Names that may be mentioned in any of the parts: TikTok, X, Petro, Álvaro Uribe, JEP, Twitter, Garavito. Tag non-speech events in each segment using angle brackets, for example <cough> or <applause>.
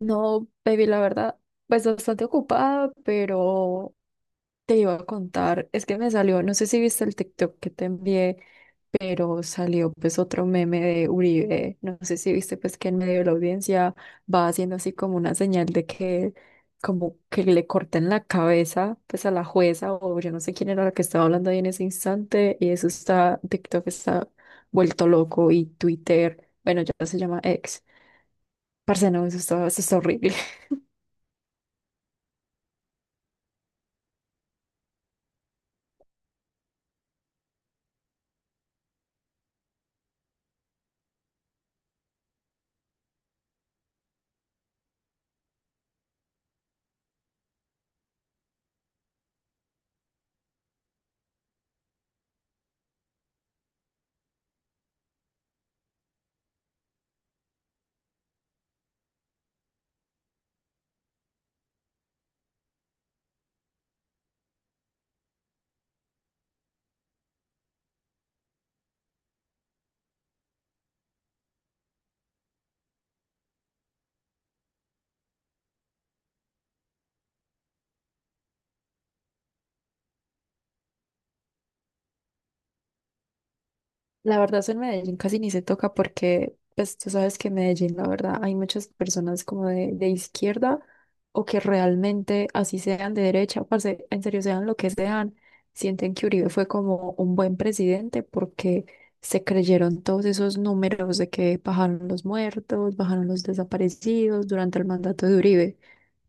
No, baby, la verdad, pues bastante ocupada, pero te iba a contar, es que me salió, no sé si viste el TikTok que te envié, pero salió pues otro meme de Uribe, no sé si viste pues que en medio de la audiencia va haciendo así como una señal de que como que le corten la cabeza pues a la jueza o yo no sé quién era la que estaba hablando ahí en ese instante y eso está, TikTok está vuelto loco y Twitter, bueno, ya se llama X. Parce, no, eso está horrible. La verdad, eso en Medellín casi ni se toca porque, pues tú sabes que en Medellín, la verdad, hay muchas personas como de izquierda o que realmente, así sean de derecha, parce, en serio sean lo que sean, sienten que Uribe fue como un buen presidente porque se creyeron todos esos números de que bajaron los muertos, bajaron los desaparecidos durante el mandato de Uribe,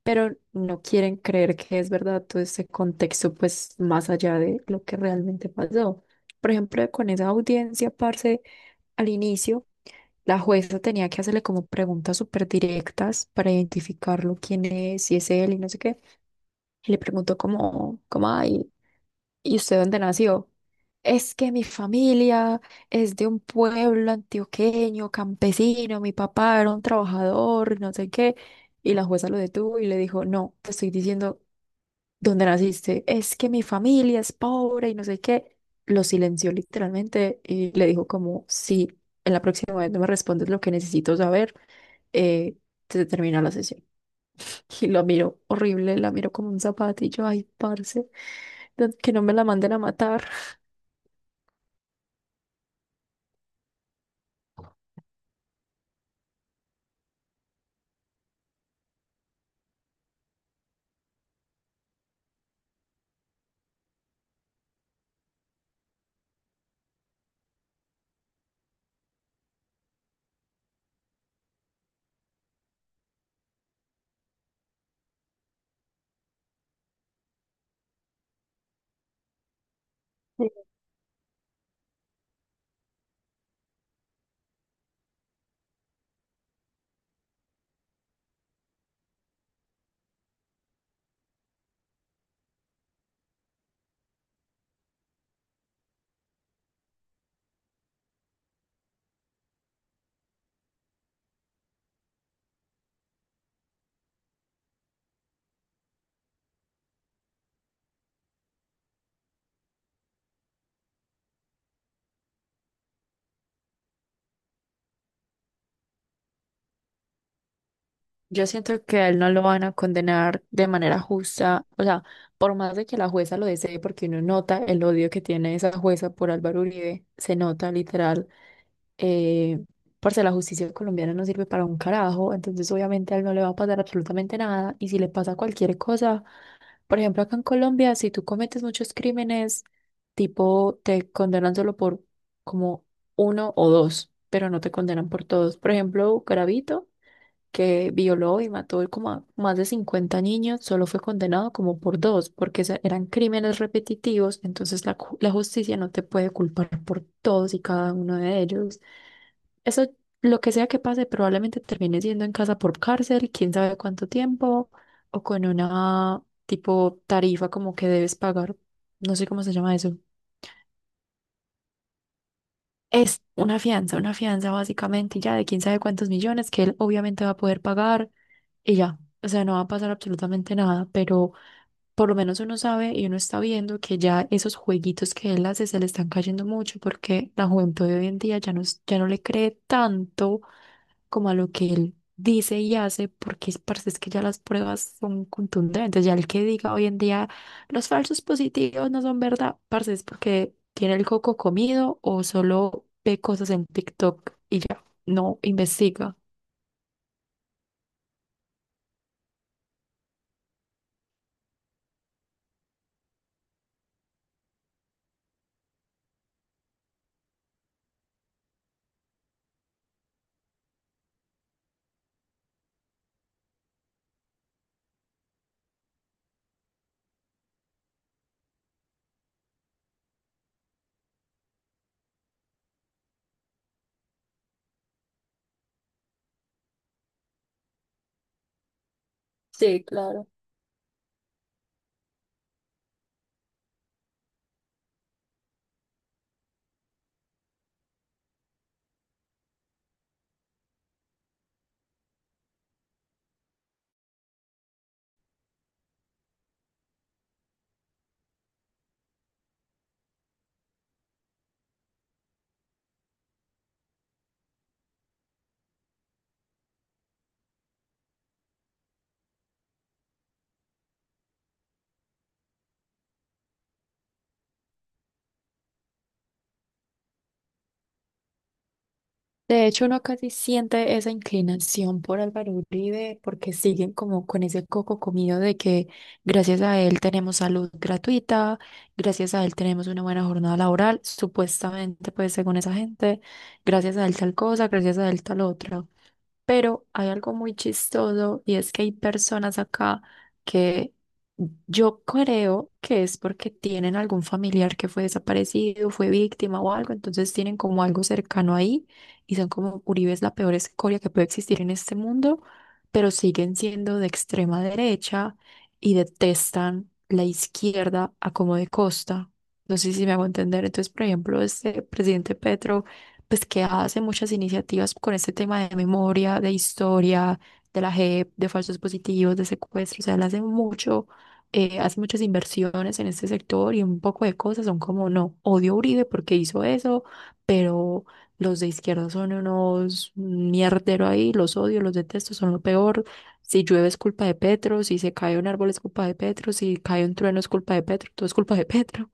pero no quieren creer que es verdad todo ese contexto, pues más allá de lo que realmente pasó. Por ejemplo, con esa audiencia, parce, al inicio, la jueza tenía que hacerle como preguntas súper directas para identificarlo, quién es, si es él y no sé qué. Y le preguntó ay, ¿y usted dónde nació? Es que mi familia es de un pueblo antioqueño, campesino, mi papá era un trabajador, no sé qué. Y la jueza lo detuvo y le dijo, no, te estoy diciendo, ¿dónde naciste? Es que mi familia es pobre y no sé qué. Lo silenció literalmente y le dijo como, si en la próxima vez no me respondes lo que necesito saber, eh, se termina la sesión. <laughs> Y lo miró horrible, la miró como un zapato y yo, ay, parce, que no me la manden a matar. Sí. <laughs> Yo siento que a él no lo van a condenar de manera justa, o sea, por más de que la jueza lo desee, porque uno nota el odio que tiene esa jueza por Álvaro Uribe, se nota literal. Eh, Parce, la justicia colombiana no sirve para un carajo, entonces obviamente a él no le va a pasar absolutamente nada. Y si le pasa cualquier cosa, por ejemplo, acá en Colombia, si tú cometes muchos crímenes, tipo te condenan solo por como uno o dos, pero no te condenan por todos. Por ejemplo, Garavito, que violó y mató como a más de 50 niños, solo fue condenado como por dos, porque eran crímenes repetitivos, entonces la justicia no te puede culpar por todos y cada uno de ellos. Eso, lo que sea que pase, probablemente termine siendo en casa por cárcel, quién sabe cuánto tiempo, o con una tipo tarifa como que debes pagar, no sé cómo se llama eso. Es una fianza básicamente y ya de quién sabe cuántos millones que él obviamente va a poder pagar y ya. O sea, no va a pasar absolutamente nada, pero por lo menos uno sabe y uno está viendo que ya esos jueguitos que él hace se le están cayendo mucho porque la juventud de hoy en día ya no, ya no le cree tanto como a lo que él dice y hace, porque es parce, es que ya las pruebas son contundentes. Ya el que diga hoy en día los falsos positivos no son verdad, parce, es porque tiene el coco comido o solo ve cosas en TikTok y ya no investiga. Sí, claro. De hecho, uno casi siente esa inclinación por Álvaro Uribe porque siguen como con ese coco comido de que gracias a él tenemos salud gratuita, gracias a él tenemos una buena jornada laboral, supuestamente, pues según esa gente, gracias a él tal cosa, gracias a él tal otra. Pero hay algo muy chistoso y es que hay personas acá que yo creo que es porque tienen algún familiar que fue desaparecido, fue víctima o algo, entonces tienen como algo cercano ahí y son como Uribe es la peor escoria que puede existir en este mundo, pero siguen siendo de extrema derecha y detestan la izquierda a como de costa. No sé si me hago entender. Entonces, por ejemplo, este presidente Petro pues que hace muchas iniciativas con este tema de memoria, de historia, de la JEP, de falsos positivos, de secuestros, o sea, él hace mucho, hace muchas inversiones en este sector y un poco de cosas son como, no, odio a Uribe porque hizo eso, pero los de izquierda son unos mierdero ahí, los odio, los detesto, son lo peor. Si llueve es culpa de Petro, si se cae un árbol es culpa de Petro, si cae un trueno es culpa de Petro, todo es culpa de Petro.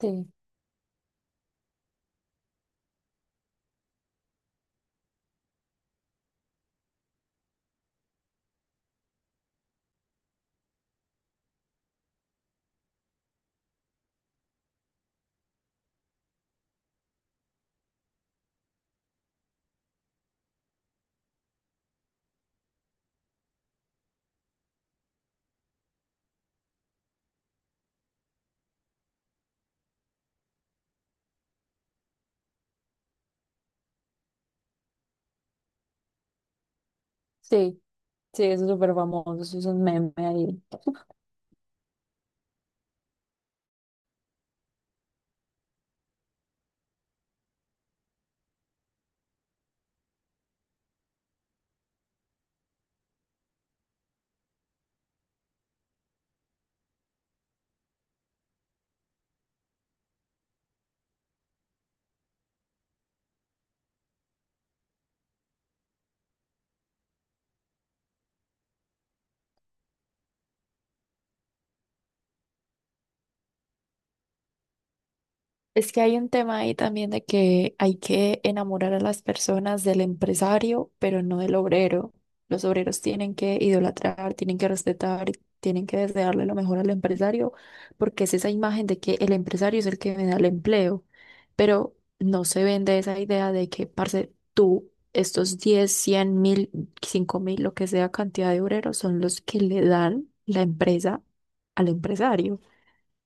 Sí. Sí, sí, eso es súper famoso, eso es un meme ahí. Es que hay un tema ahí también de que hay que enamorar a las personas del empresario, pero no del obrero. Los obreros tienen que idolatrar, tienen que respetar, tienen que desearle lo mejor al empresario, porque es esa imagen de que el empresario es el que me da el empleo. Pero no se vende esa idea de que, parce, tú, estos 10 100 mil, 5 mil, lo que sea cantidad de obreros, son los que le dan la empresa al empresario.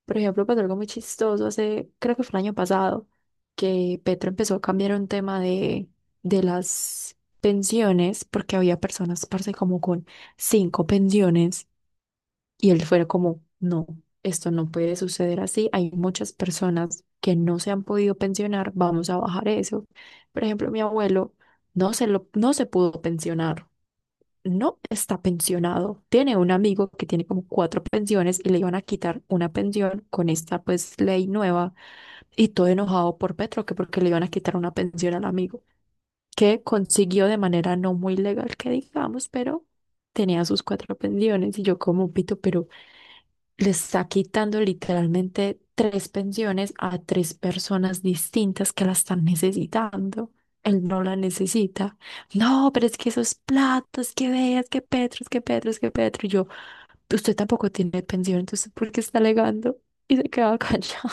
Por ejemplo, pasó algo muy chistoso hace, creo que fue el año pasado, que Petro empezó a cambiar un tema de las pensiones, porque había personas, parce, como con cinco pensiones, y él fue como, no, esto no puede suceder así, hay muchas personas que no se han podido pensionar, vamos a bajar eso. Por ejemplo, mi abuelo no se pudo pensionar, no está pensionado. Tiene un amigo que tiene como cuatro pensiones y le iban a quitar una pensión con esta pues ley nueva y todo enojado por Petro que porque le iban a quitar una pensión al amigo que consiguió de manera no muy legal, que digamos, pero tenía sus cuatro pensiones y yo como pito, pero le está quitando literalmente tres pensiones a tres personas distintas que la están necesitando. Él no la necesita. No, pero es que esos platos, que veas, que Petro, es que Petro. Y yo, usted tampoco tiene pensión, entonces ¿por qué está alegando? Y se quedaba <laughs> callado.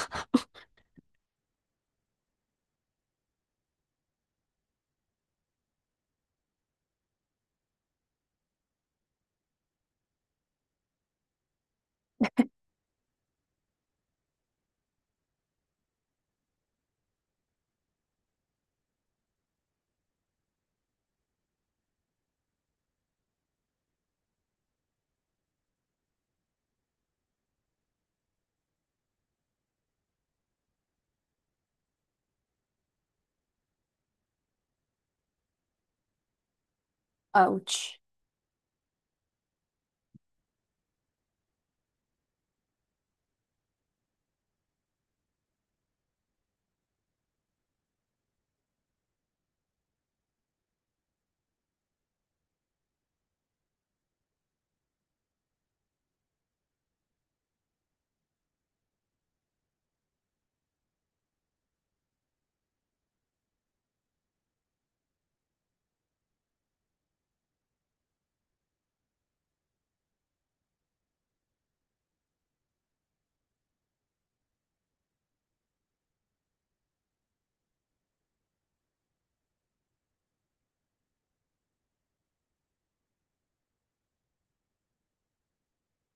Ouch.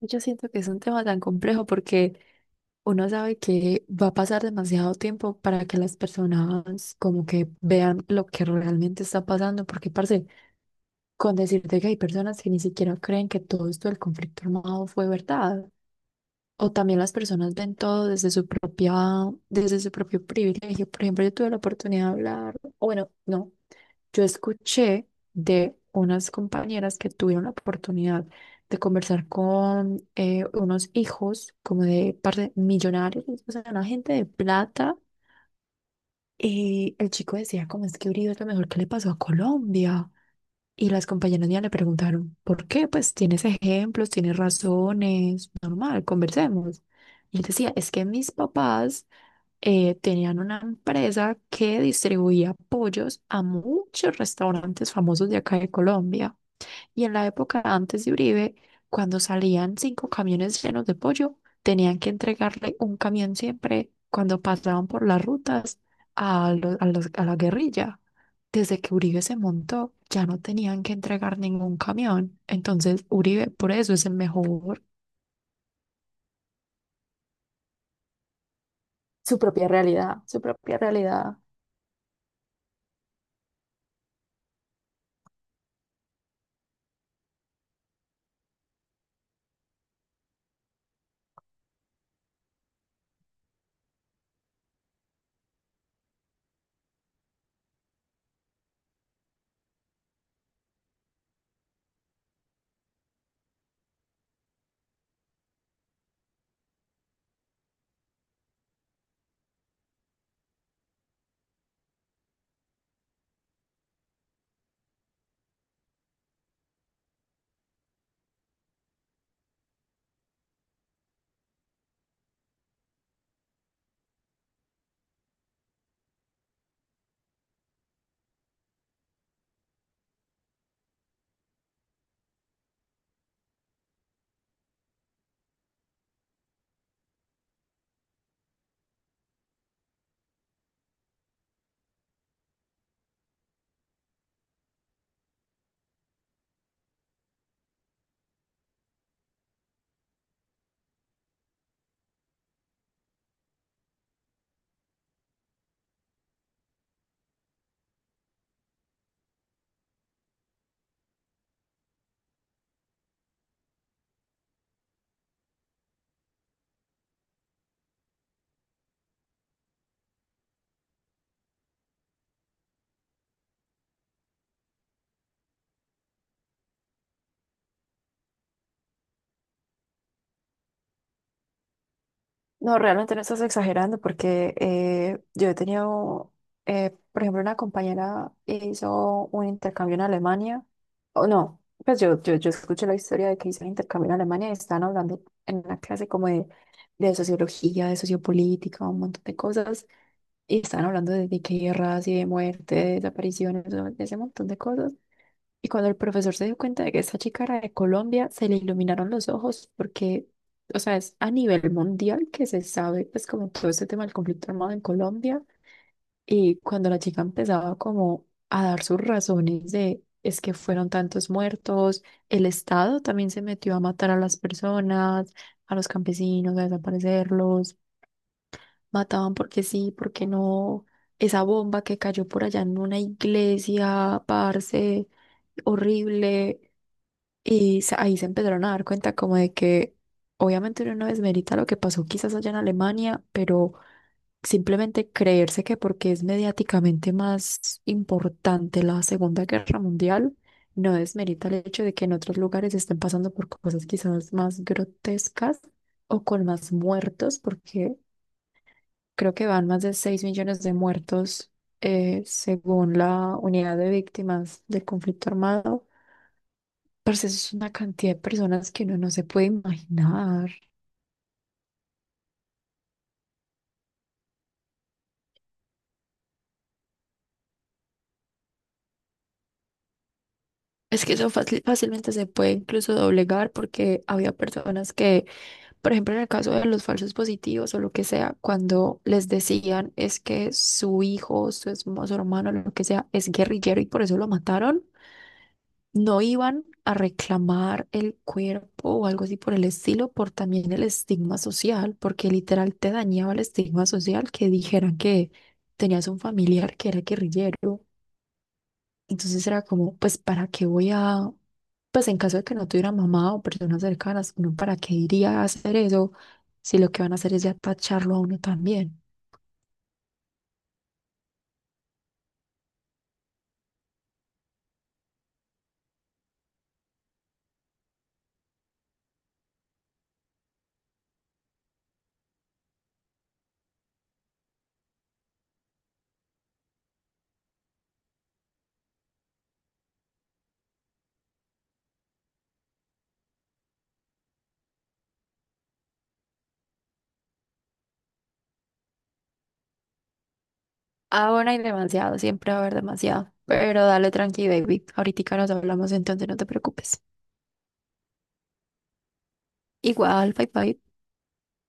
Yo siento que es un tema tan complejo porque uno sabe que va a pasar demasiado tiempo para que las personas como que vean lo que realmente está pasando, porque parce, con decirte que hay personas que ni siquiera creen que todo esto del conflicto armado fue verdad. O también las personas ven todo desde su propia, desde su propio privilegio. Por ejemplo, yo tuve la oportunidad de hablar, o bueno, no, yo escuché de unas compañeras que tuvieron la oportunidad de conversar con unos hijos como de parte millonarios, o sea, una gente de plata. Y el chico decía, como es que Uribe es lo mejor que le pasó a Colombia. Y las compañeras mías le preguntaron, ¿por qué? Pues tienes ejemplos, tienes razones, normal, conversemos. Y él decía, es que mis papás tenían una empresa que distribuía pollos a muchos restaurantes famosos de acá de Colombia. Y en la época antes de Uribe, cuando salían cinco camiones llenos de pollo, tenían que entregarle un camión siempre cuando pasaban por las rutas a, a la guerrilla. Desde que Uribe se montó, ya no tenían que entregar ningún camión. Entonces, Uribe por eso es el mejor. Su propia realidad, su propia realidad. No, realmente no estás exagerando porque yo he tenido, por ejemplo, una compañera hizo un intercambio en Alemania, o no, pues yo escuché la historia de que hizo un intercambio en Alemania y estaban hablando en una clase como de sociología, de sociopolítica, un montón de cosas, y estaban hablando de guerras y de muerte, de desapariciones, de ese montón de cosas. Y cuando el profesor se dio cuenta de que esa chica era de Colombia, se le iluminaron los ojos porque, o sea, es a nivel mundial que se sabe, pues como todo este tema del conflicto armado en Colombia. Y cuando la chica empezaba como a dar sus razones de es que fueron tantos muertos, el Estado también se metió a matar a las personas, a los campesinos, a desaparecerlos, mataban porque sí, porque no, esa bomba que cayó por allá en una iglesia, parce, horrible. Y ahí se empezaron a dar cuenta como de que obviamente uno no desmerita lo que pasó quizás allá en Alemania, pero simplemente creerse que porque es mediáticamente más importante la Segunda Guerra Mundial, no desmerita el hecho de que en otros lugares estén pasando por cosas quizás más grotescas o con más muertos, porque creo que van más de 6 millones de muertos, según la unidad de víctimas del conflicto armado. Parce, eso es una cantidad de personas que uno no se puede imaginar. Es que eso fácilmente se puede incluso doblegar porque había personas que, por ejemplo, en el caso de los falsos positivos o lo que sea, cuando les decían es que su hijo, su hermano, lo que sea, es guerrillero y por eso lo mataron, no iban a reclamar el cuerpo o algo así por el estilo, por también el estigma social, porque literal te dañaba el estigma social que dijeran que tenías un familiar que era guerrillero. Entonces era como, pues, ¿para qué voy a, pues en caso de que no tuviera mamá o personas cercanas, uno para qué iría a hacer eso si lo que van a hacer es ya tacharlo a uno también? Ah, bueno, hay demasiado, siempre va a haber demasiado. Pero dale tranqui, baby. Ahorita nos hablamos, entonces no te preocupes. Igual, bye bye.